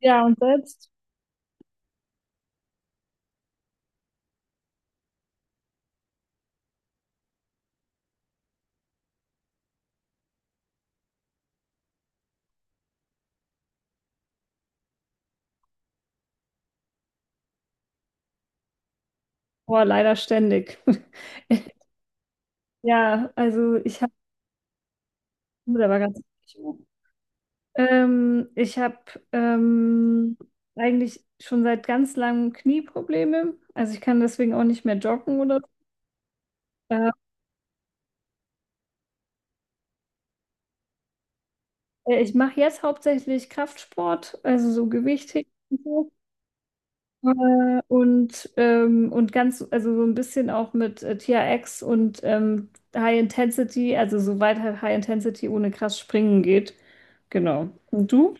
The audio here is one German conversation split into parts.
Ja, und selbst? Boah, leider ständig. Ja, also ich habe, der war ganz ich habe ähm, eigentlich schon seit ganz langem Knieprobleme. Also ich kann deswegen auch nicht mehr joggen oder so. Ich mache jetzt hauptsächlich Kraftsport, also so Gewichtheben. Und ganz, also so ein bisschen auch mit TRX und High Intensity, also soweit halt High Intensity ohne krass springen geht. Genau. Und du?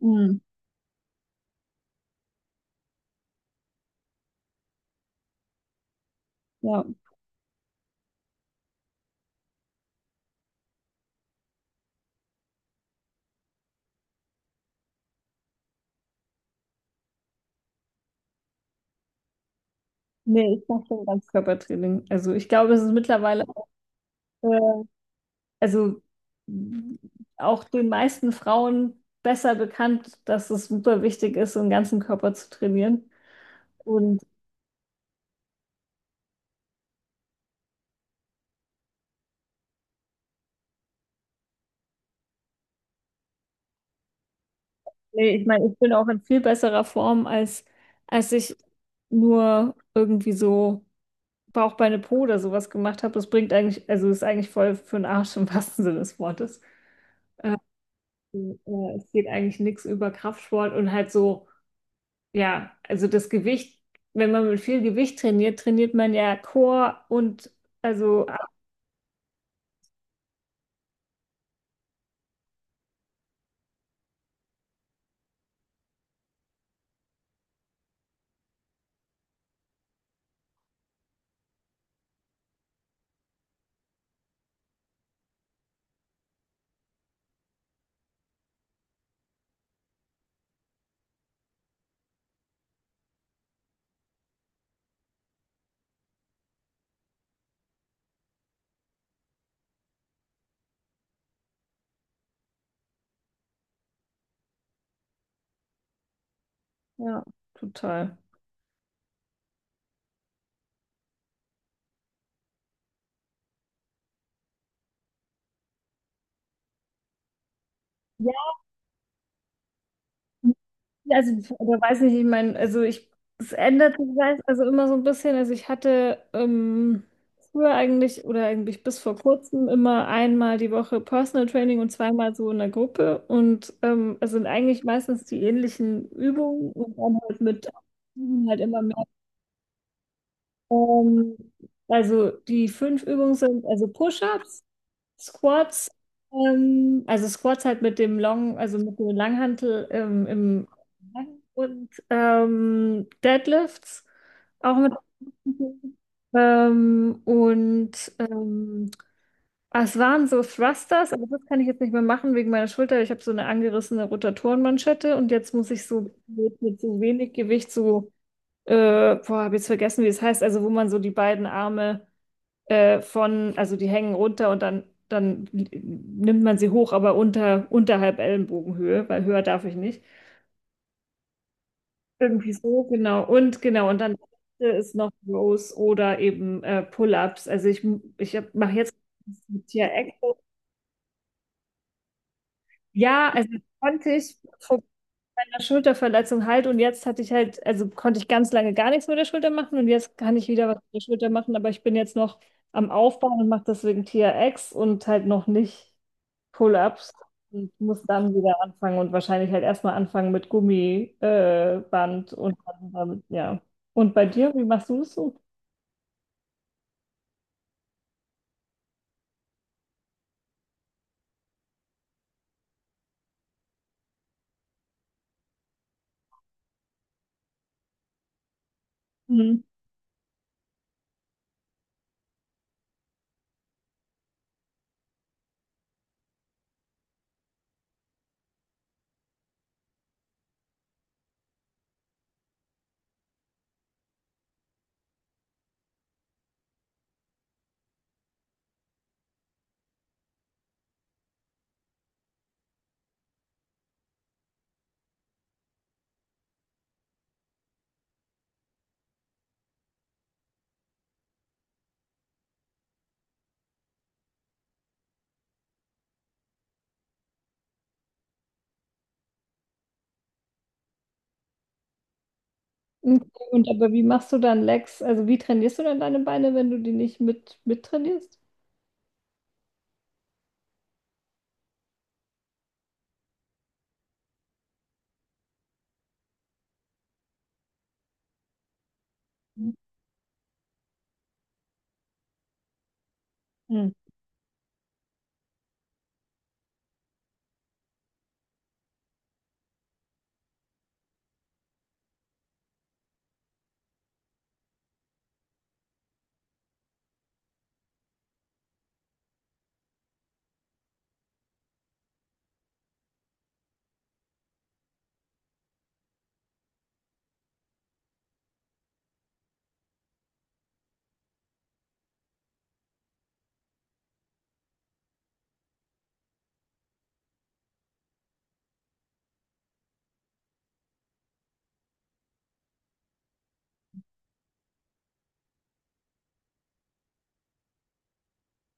Hm. Ja. Nee, ich mache schon Ganzkörpertraining. Also ich glaube, es ist mittlerweile, äh, also mh, auch den meisten Frauen besser bekannt, dass es super wichtig ist, den ganzen Körper zu trainieren. Und nee, ich meine, ich bin auch in viel besserer Form, als ich nur irgendwie so Bauchbeine Po oder sowas gemacht habe. Das bringt eigentlich, also ist eigentlich voll für den Arsch im wahrsten Sinne des Wortes. Es geht eigentlich nichts über Kraftsport und halt so, ja, also das Gewicht, wenn man mit viel Gewicht trainiert, trainiert man ja Core und also, ja, total. Ja. Also, oder weiß nicht, ich meine, also ich, es ändert sich also immer so ein bisschen. Also ich hatte früher eigentlich oder eigentlich bis vor kurzem immer einmal die Woche Personal Training und zweimal so in der Gruppe. Und es sind eigentlich meistens die ähnlichen Übungen und dann halt mit halt immer mehr. Ähm, also die fünf Übungen sind also Push-ups, Squats, also Squats halt mit dem Long, also mit dem Langhantel im und Deadlifts auch mit ähm, und ähm, es waren so Thrusters, aber das kann ich jetzt nicht mehr machen wegen meiner Schulter. Ich habe so eine angerissene Rotatorenmanschette und jetzt muss ich so mit so wenig Gewicht so, boah, habe jetzt vergessen, wie es heißt, also wo man so die beiden Arme also die hängen runter und dann, dann nimmt man sie hoch, aber unter, unterhalb Ellenbogenhöhe, weil höher darf ich nicht. Irgendwie so, genau. Und genau, und dann ist noch Rows oder eben Pull-ups. Also ich mache jetzt mit hier Echo. Ja, also das konnte ich vor meiner Schulterverletzung halt, und jetzt hatte ich halt, also konnte ich ganz lange gar nichts mit der Schulter machen und jetzt kann ich wieder was mit der Schulter machen, aber ich bin jetzt noch am Aufbauen und mache deswegen TRX und halt noch nicht Pull-ups und muss dann wieder anfangen und wahrscheinlich halt erstmal anfangen mit Gummiband Band und dann damit, ja. Und bei dir, wie machst du das so? Mhm. Okay. Und aber wie machst du dann Legs? Also wie trainierst du dann deine Beine, wenn du die nicht mit mittrainierst? Mhm.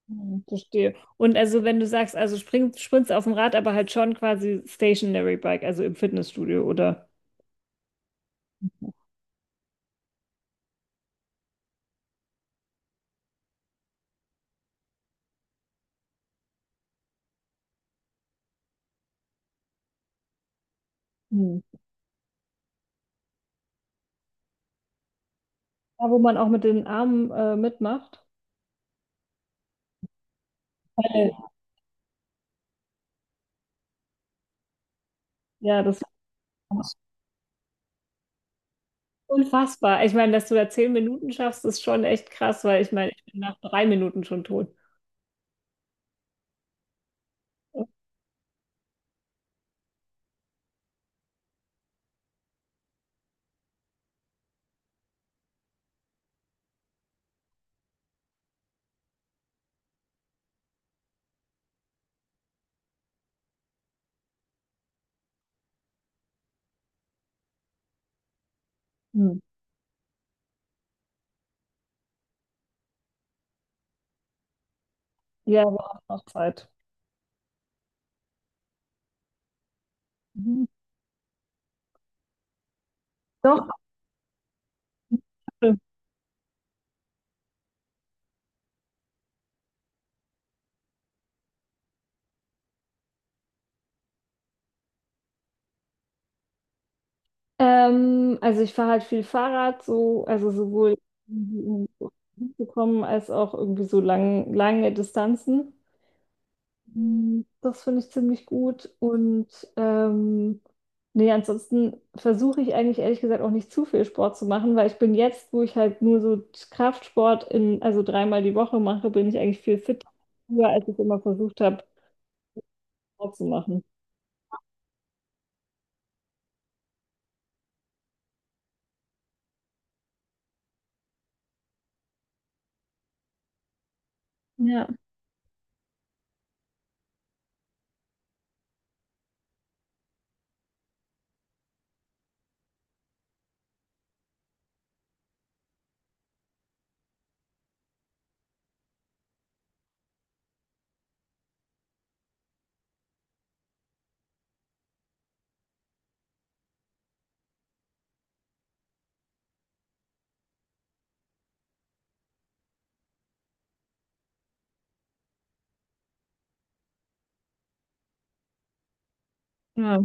Mhm, verstehe. Und also wenn du sagst, also springst auf dem Rad, aber halt schon quasi Stationary Bike, also im Fitnessstudio, oder? Mhm. Da, wo man auch mit den Armen mitmacht. Weil- Ja, das. Unfassbar. Ich meine, dass du da 10 Minuten schaffst, ist schon echt krass, weil ich meine, ich bin nach 3 Minuten schon tot. Hm. Ja, war auch noch Zeit. Mhm. Doch. Also ich fahre halt viel Fahrrad, so, also sowohl um zu kommen als auch irgendwie so lange Distanzen. Mm, das finde ich ziemlich gut. Und ähm, nee, ansonsten versuche ich eigentlich ehrlich gesagt auch nicht zu viel Sport zu machen, weil ich bin jetzt, wo ich halt nur so Kraftsport in, also dreimal die Woche mache, bin ich eigentlich viel fitter, früher, als ich immer versucht habe, Sport zu machen. Ja, ja,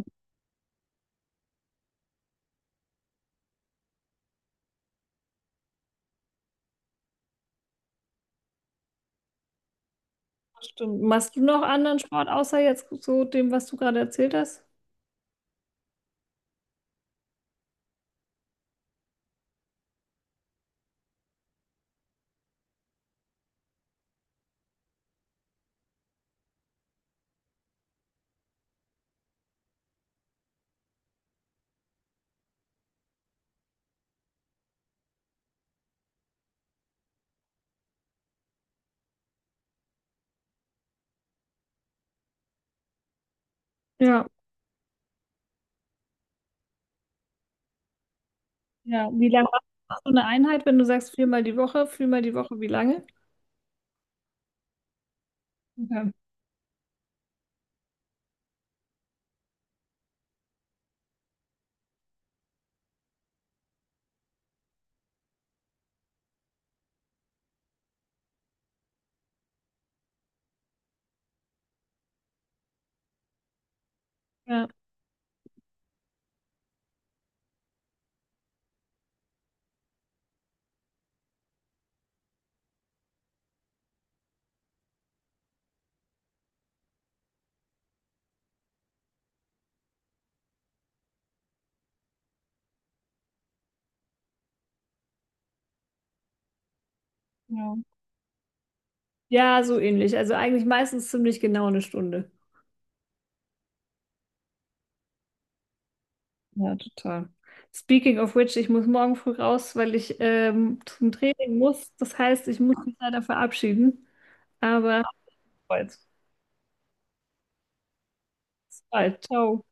das stimmt. Machst du noch anderen Sport außer jetzt so dem, was du gerade erzählt hast? Ja. Ja, wie lange machst du eine Einheit, wenn du sagst viermal die Woche, wie lange? Okay. Ja. Ja. Ja, so ähnlich. Also eigentlich meistens ziemlich genau eine Stunde. Ja, total. Speaking of which, ich muss morgen früh raus, weil ich zum Training muss. Das heißt, ich muss mich leider verabschieden. Aber bis bald. Bis bald. Ciao.